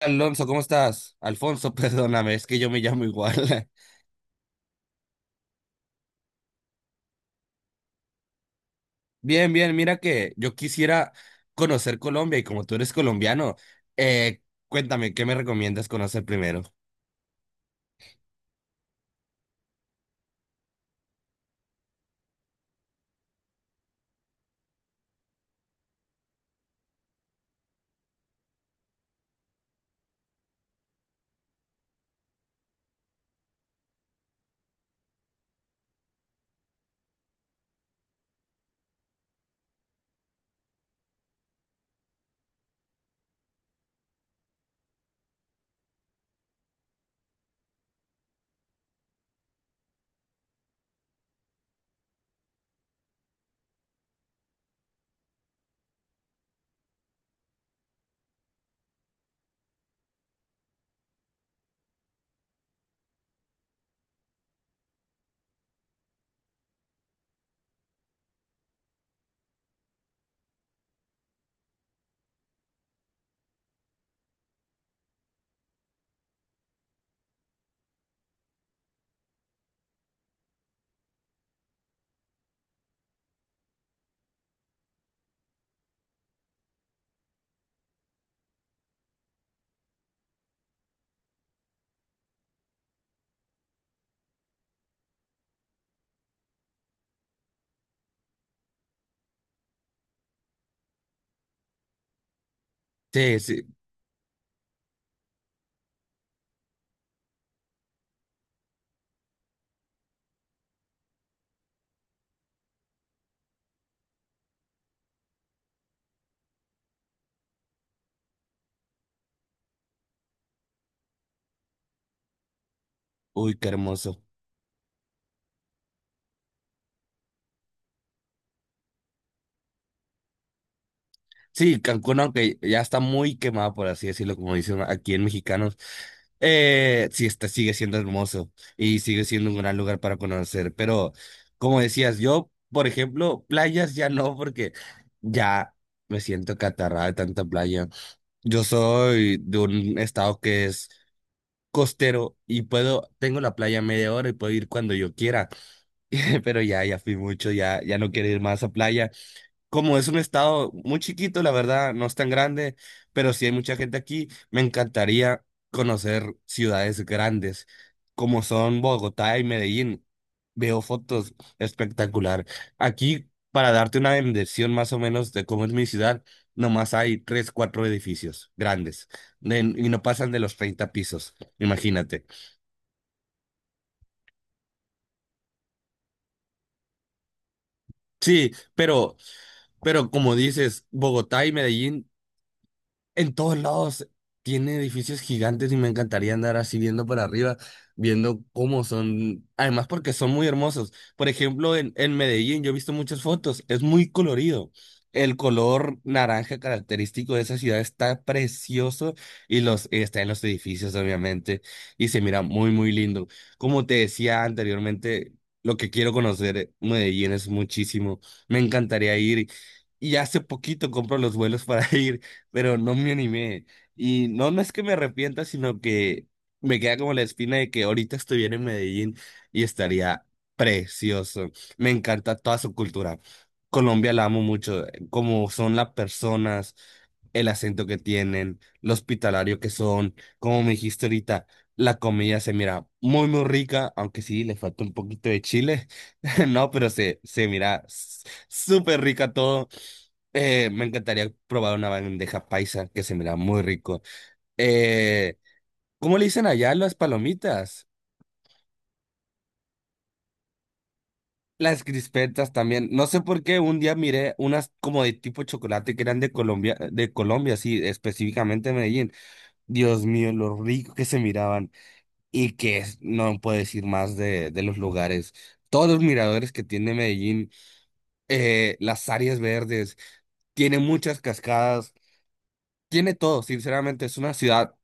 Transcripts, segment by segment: Alonso, ¿cómo estás? Alfonso, perdóname, es que yo me llamo igual. Bien, bien, mira que yo quisiera conocer Colombia y como tú eres colombiano, eh, cuéntame, ¿qué me recomiendas conocer primero? Sí, sí, uy, qué hermoso. Sí, Cancún, aunque ya está muy quemado, por así decirlo, como dicen aquí en mexicanos, sí está, sigue siendo hermoso y sigue siendo un gran lugar para conocer. Pero, como decías, yo, por ejemplo, playas ya no, porque ya me siento catarrada de tanta playa. Yo soy de un estado que es costero y puedo, tengo la playa a media hora y puedo ir cuando yo quiera. Pero ya, ya fui mucho, ya, ya no quiero ir más a playa, como es un estado muy chiquito, la verdad, no es tan grande, pero sí hay mucha gente aquí, me encantaría conocer ciudades grandes como son Bogotá y Medellín. Veo fotos espectacular. Aquí, para darte una dimensión más o menos de cómo es mi ciudad, nomás hay tres, cuatro edificios grandes y no pasan de los 30 pisos, imagínate. Sí, pero como dices, Bogotá y Medellín en todos lados tiene edificios gigantes y me encantaría andar así viendo para arriba, viendo cómo son, además porque son muy hermosos. Por ejemplo, en Medellín yo he visto muchas fotos, es muy colorido. El color naranja característico de esa ciudad está precioso y los está en los edificios, obviamente, y se mira muy, muy lindo. Como te decía anteriormente, lo que quiero conocer Medellín es muchísimo. Me encantaría ir. Y hace poquito compro los vuelos para ir, pero no me animé. Y no, no es que me arrepienta, sino que me queda como la espina de que ahorita estuviera en Medellín y estaría precioso. Me encanta toda su cultura. Colombia la amo mucho, como son las personas, el acento que tienen, lo hospitalario que son, como me dijiste ahorita, la comida se mira muy, muy rica, aunque sí, le falta un poquito de chile, no, pero se, se mira súper rica todo. Me encantaría probar una bandeja paisa que se mira muy rico. Eh, ¿Cómo le dicen allá las palomitas? Las crispetas también. No sé por qué un día miré unas como de tipo chocolate que eran de Colombia, sí, específicamente de Medellín. Dios mío, lo rico que se miraban y no puedo decir más de los lugares. Todos los miradores que tiene Medellín, las áreas verdes, tiene muchas cascadas, tiene todo. Sinceramente, es una ciudad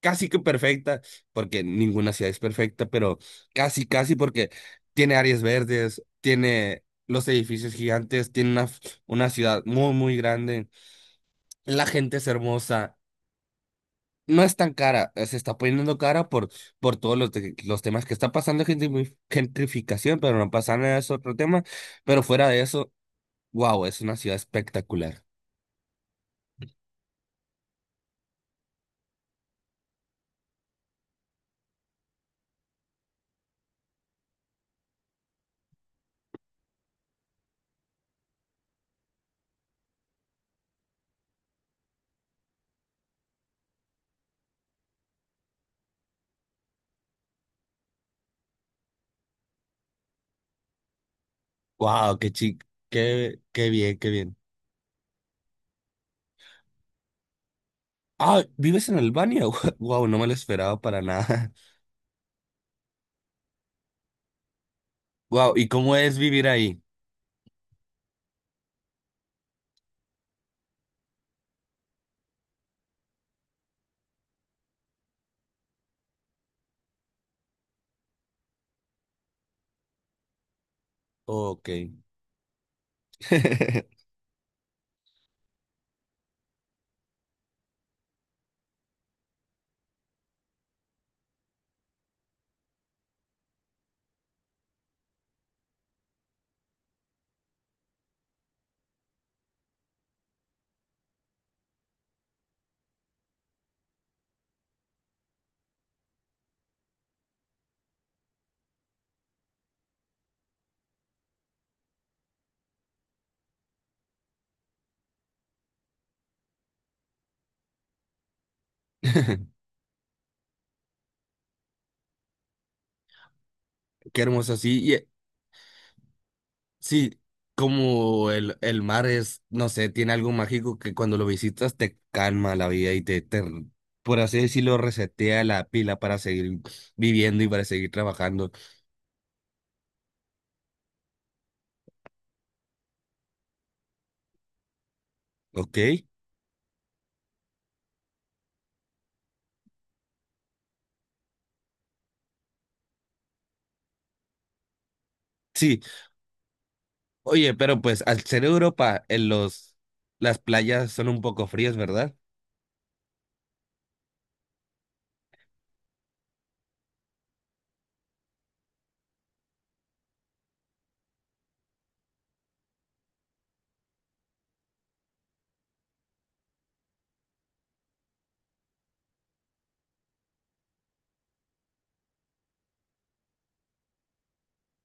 casi que perfecta, porque ninguna ciudad es perfecta, pero casi, casi porque tiene áreas verdes, tiene los edificios gigantes, tiene una ciudad muy, muy grande, la gente es hermosa. No es tan cara, se está poniendo cara por todos los temas que está pasando, gentrificación, pero no pasa nada, es otro tema. Pero fuera de eso, wow, es una ciudad espectacular. Wow, qué chic, qué, qué bien, qué bien. Ah, ¿vives en Albania? Wow, no me lo esperaba para nada. Wow, ¿y cómo es vivir ahí? Ok. Qué hermoso, sí. Sí, como el mar es, no sé, tiene algo mágico que cuando lo visitas te calma la vida y te, por así decirlo, resetea la pila para seguir viviendo y para seguir trabajando. Ok. Sí. Oye, pero pues al ser Europa, en los, las playas son un poco frías, ¿verdad?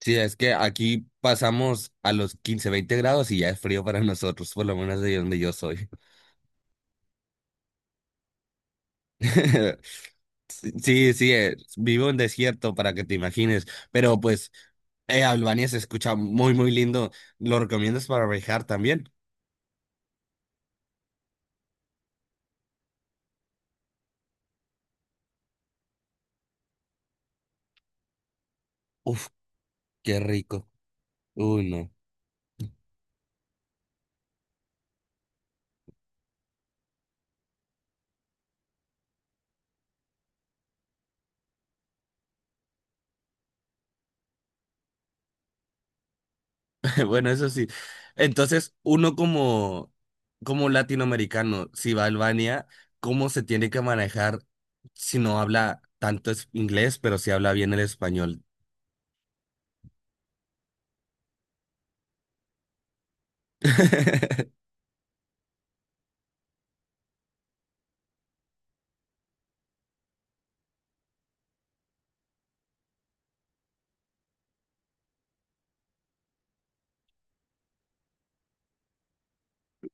Sí, es que aquí pasamos a los 15-20 grados y ya es frío para nosotros, por lo menos de donde yo soy. Sí, sí, vivo en desierto para que te imagines, pero pues Albania se escucha muy, muy lindo. ¿Lo recomiendas para viajar también? Uf, qué rico. Uy, no. Bueno, eso sí. Entonces, uno como, como latinoamericano, si va a Albania, ¿cómo se tiene que manejar si no habla tanto inglés, pero si habla bien el español?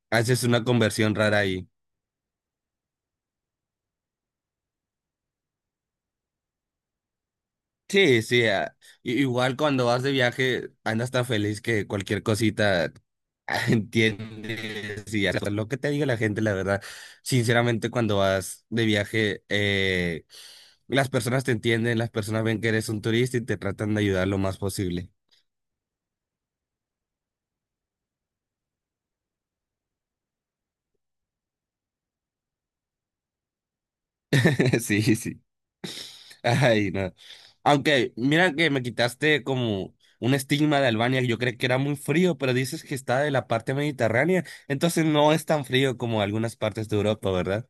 Haces una conversión rara ahí. Sí, sí, ah, igual cuando vas de viaje andas tan feliz que cualquier cosita ah, entiendes y haces lo que te diga la gente, la verdad. Sinceramente, cuando vas de viaje, las personas te entienden, las personas ven que eres un turista y te tratan de ayudar lo más posible. Sí, sí. Ay, no. Aunque, mira que me quitaste como un estigma de Albania, yo creí que era muy frío, pero dices que está de la parte mediterránea, entonces no es tan frío como algunas partes de Europa, ¿verdad?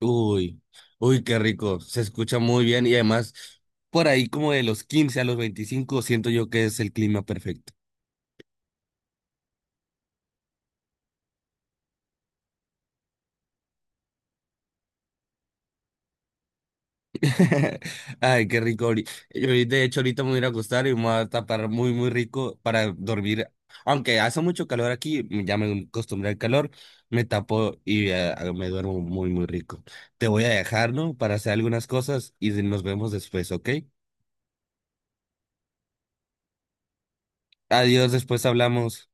Uy, uy, qué rico. Se escucha muy bien y además por ahí como de los 15 a los 25 siento yo que es el clima perfecto. Ay, qué rico. Ahori- yo De hecho, ahorita me voy a ir a acostar y me voy a tapar muy, muy rico para dormir. Aunque hace mucho calor aquí, ya me acostumbré al calor, me tapo y me duermo muy, muy rico. Te voy a dejar, ¿no? Para hacer algunas cosas y nos vemos después, ¿ok? Adiós, después hablamos.